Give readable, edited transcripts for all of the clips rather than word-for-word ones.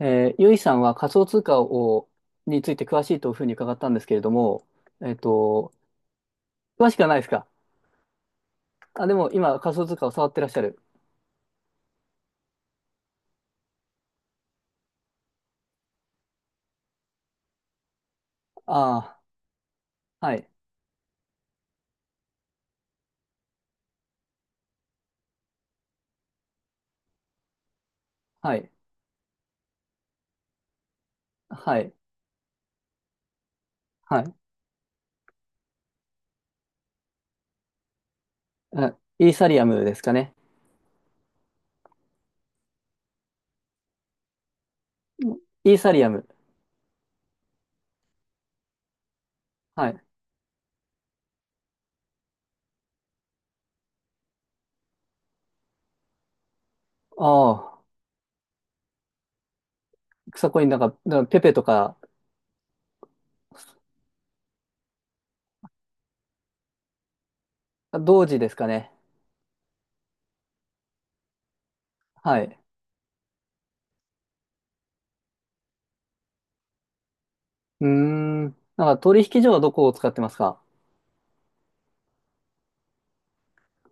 ゆいさんは仮想通貨について詳しいというふうに伺ったんですけれども、えっと、詳しくはないですか？あ、でも今仮想通貨を触ってらっしゃる。ああ、はい、はい、はい、はい。あ、イーサリアムですかね。イーサリアム。はい。ああ、草コインなんか、なんかペペとか。同時ですかね？はい。うーん。なんか取引所はどこを使ってますか？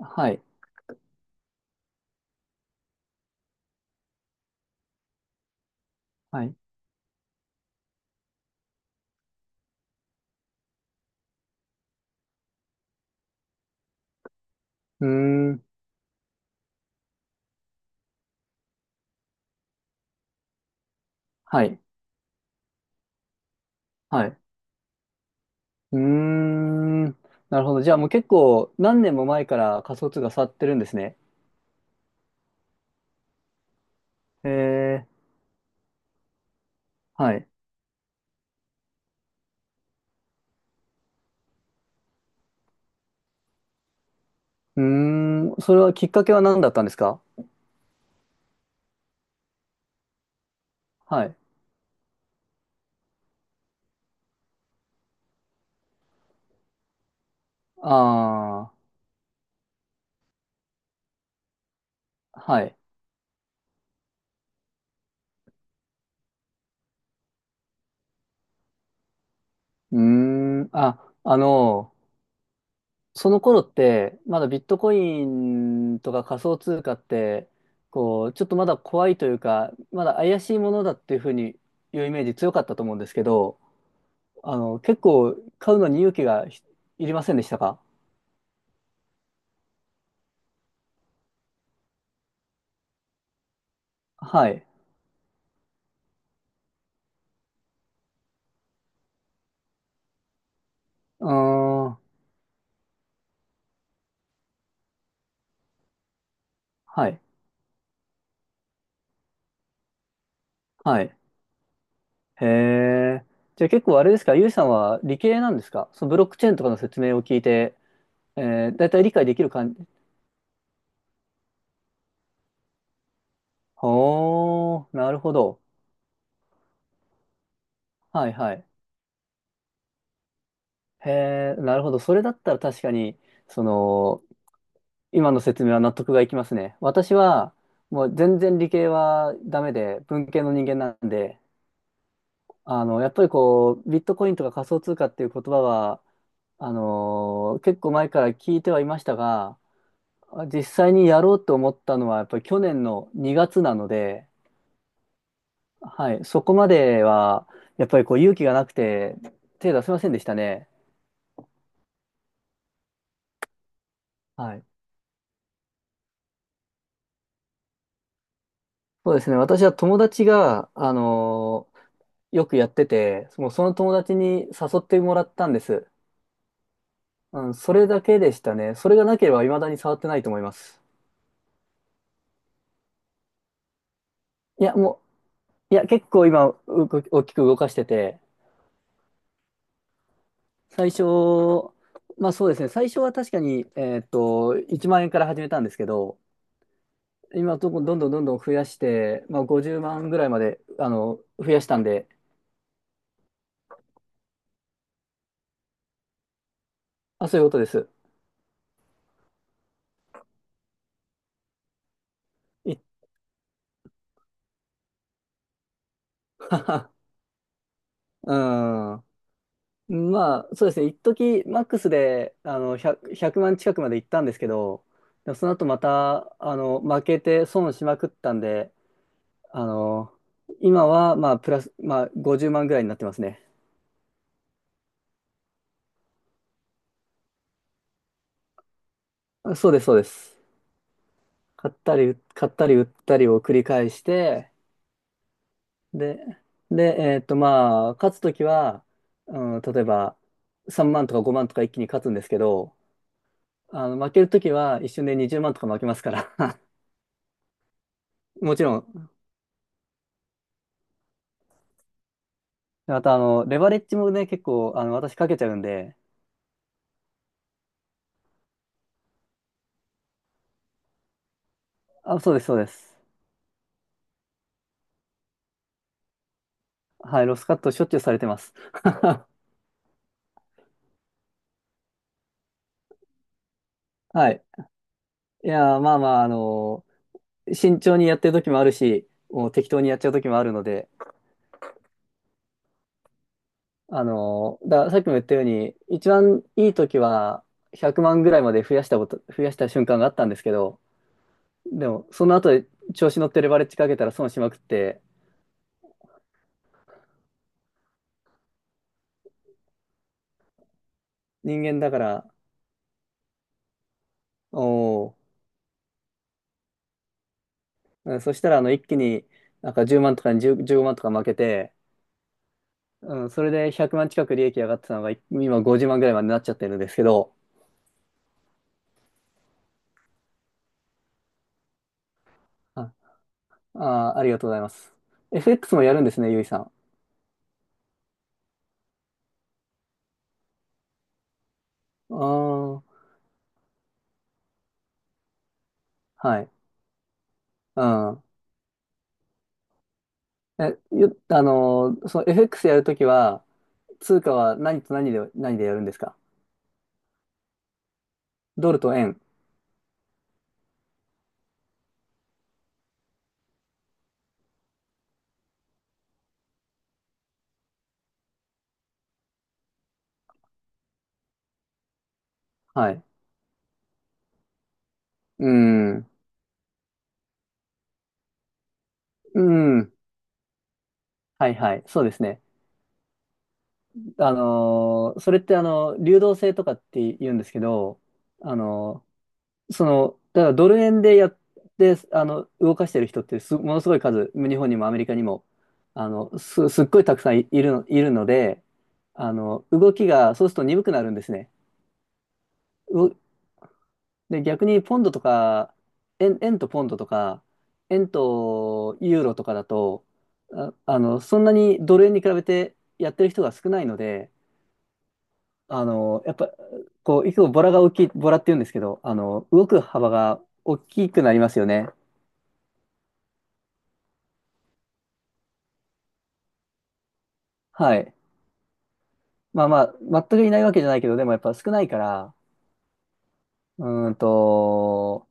はい、はい。うーん。はい、はい。うーん。なるほど。じゃあもう結構何年も前から仮想通貨触ってるんですね。へえ。はい。うーん。それはきっかけは何だったんですか？はい。ああ。はい。うーん。あ、その頃って、まだビットコインとか仮想通貨って、こう、ちょっとまだ怖いというか、まだ怪しいものだっていうふうにいうイメージ強かったと思うんですけど、結構買うのに勇気がいりませんでしたか？はい。ああ、はい、はい。へえ。じゃあ結構あれですか、ゆいさんは理系なんですか？そのブロックチェーンとかの説明を聞いて、だいたい理解できる感じ。ほー、なるほど。はい、はい。へえ、なるほど。それだったら確かに、その、今の説明は納得がいきますね。私は、もう全然理系はダメで、文系の人間なんで、やっぱりこう、ビットコインとか仮想通貨っていう言葉は、結構前から聞いてはいましたが、あ、実際にやろうと思ったのは、やっぱり去年の2月なので、はい、そこまでは、やっぱりこう勇気がなくて、手出せませんでしたね。はい。そうですね。私は友達が、よくやってて、もうその友達に誘ってもらったんです。うん、それだけでしたね。それがなければ未だに触ってないと思います。いや、もう、いや、結構今、大きく動かしてて、最初、まあそうですね。最初は確かに、1万円から始めたんですけど、今どんどんどんどんどんどん増やして、まあ、50万ぐらいまで、増やしたんで、あ、そういうことです。い うん。まあ、そうですね。一時マックスで、100万近くまで行ったんですけど、でもその後また、負けて損しまくったんで、あの、今は、まあ、プラス、まあ、50万ぐらいになってますね。あ、そうです、そうです。買ったり売ったりを繰り返して、で、で、まあ、勝つときは、うん、例えば、3万とか5万とか一気に勝つんですけど、負けるときは一瞬で20万とか負けますから もちろん、また、レバレッジもね、結構、私かけちゃうんで、あ、そうです、そうです。はい、ロスカットしょっちゅうされてます。はい。いやー、まあまあ、慎重にやってるときもあるし、もう適当にやっちゃうときもあるので、さっきも言ったように、一番いい時は100万ぐらいまで増やした瞬間があったんですけど、でも、その後で調子乗ってレバレッジかけたら損しまくって、人間だから、おー、うん。そしたら、一気になんか10万とかに10、15万とか負けて、うん、それで100万近く利益上がってたのが、今50万ぐらいまでなっちゃってるんですけど、あ、あー、ありがとうございます。FX もやるんですね、ゆいさん。ああ、はい。うん。え、よ、あのー、その FX やるときは、通貨は何と何で、何でやるんですか？ドルと円。はい。うん。うん。はいはい。そうですね。それって流動性とかって言うんですけど、あのだからドル円でやって、動かしてる人ってものすごい数、日本にもアメリカにも、すっごいたくさんいるので、動きが、そうすると鈍くなるんですね。で、逆にポンドとか、円とポンドとか、円とユーロとかだと、そんなにドル円に比べてやってる人が少ないので、やっぱ、こう、いつもボラが大きい、ボラって言うんですけど、動く幅が大きくなりますよね。はい。まあまあ、全くいないわけじゃないけど、でもやっぱ少ないから、うーんと、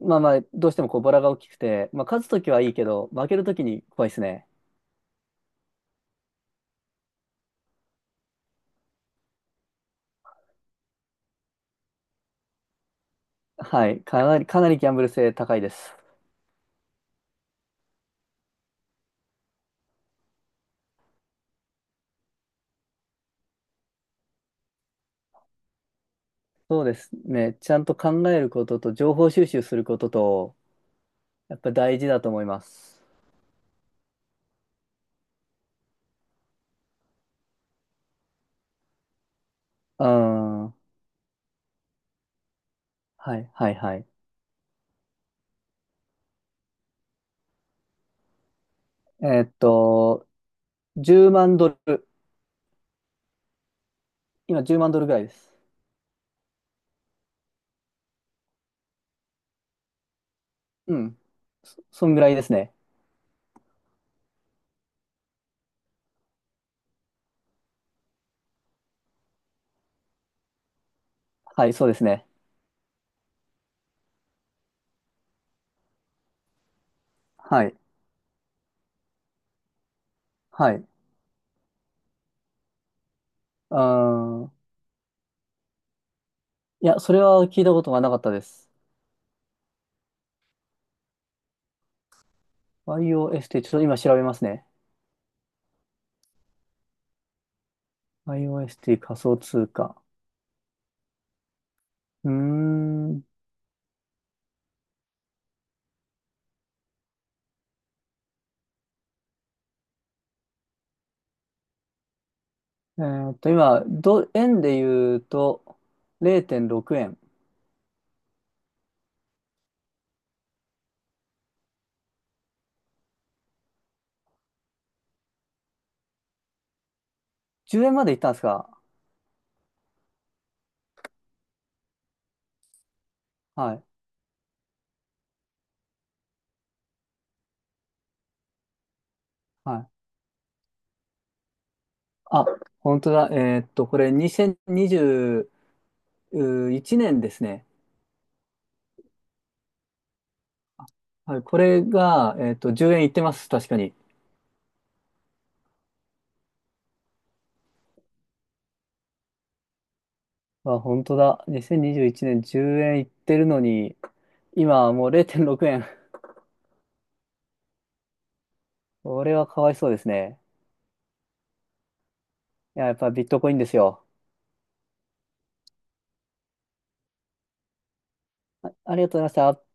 まあまあ、どうしてもこうボラが大きくて、まあ、勝つときはいいけど、負けるときに怖いですね。はい。かなり、かなりギャンブル性高いです。そうですね。ちゃんと考えることと、情報収集することと、やっぱ大事だと思います。うん。はい、はい、はい。えーっと、10万ドル。今10万ドルぐらいです。うん。そんぐらいですね。はい、そうですね。はい、はい。うん。いや、それは聞いたことがなかったです。i o s t ちょっと今調べますね。IOST 仮想通貨。うーん。今、円で言うと0.6円。10円まで行ったんですか？はい。はい。あ、本当だ。これ2021年ですね。はい。これが、10円行ってます。確かに。あ、本当だ。2021年10円行ってるのに、今はもう0.6円。これはかわいそうですね。いや、やっぱビットコインですよ。あ、ありがとうございました。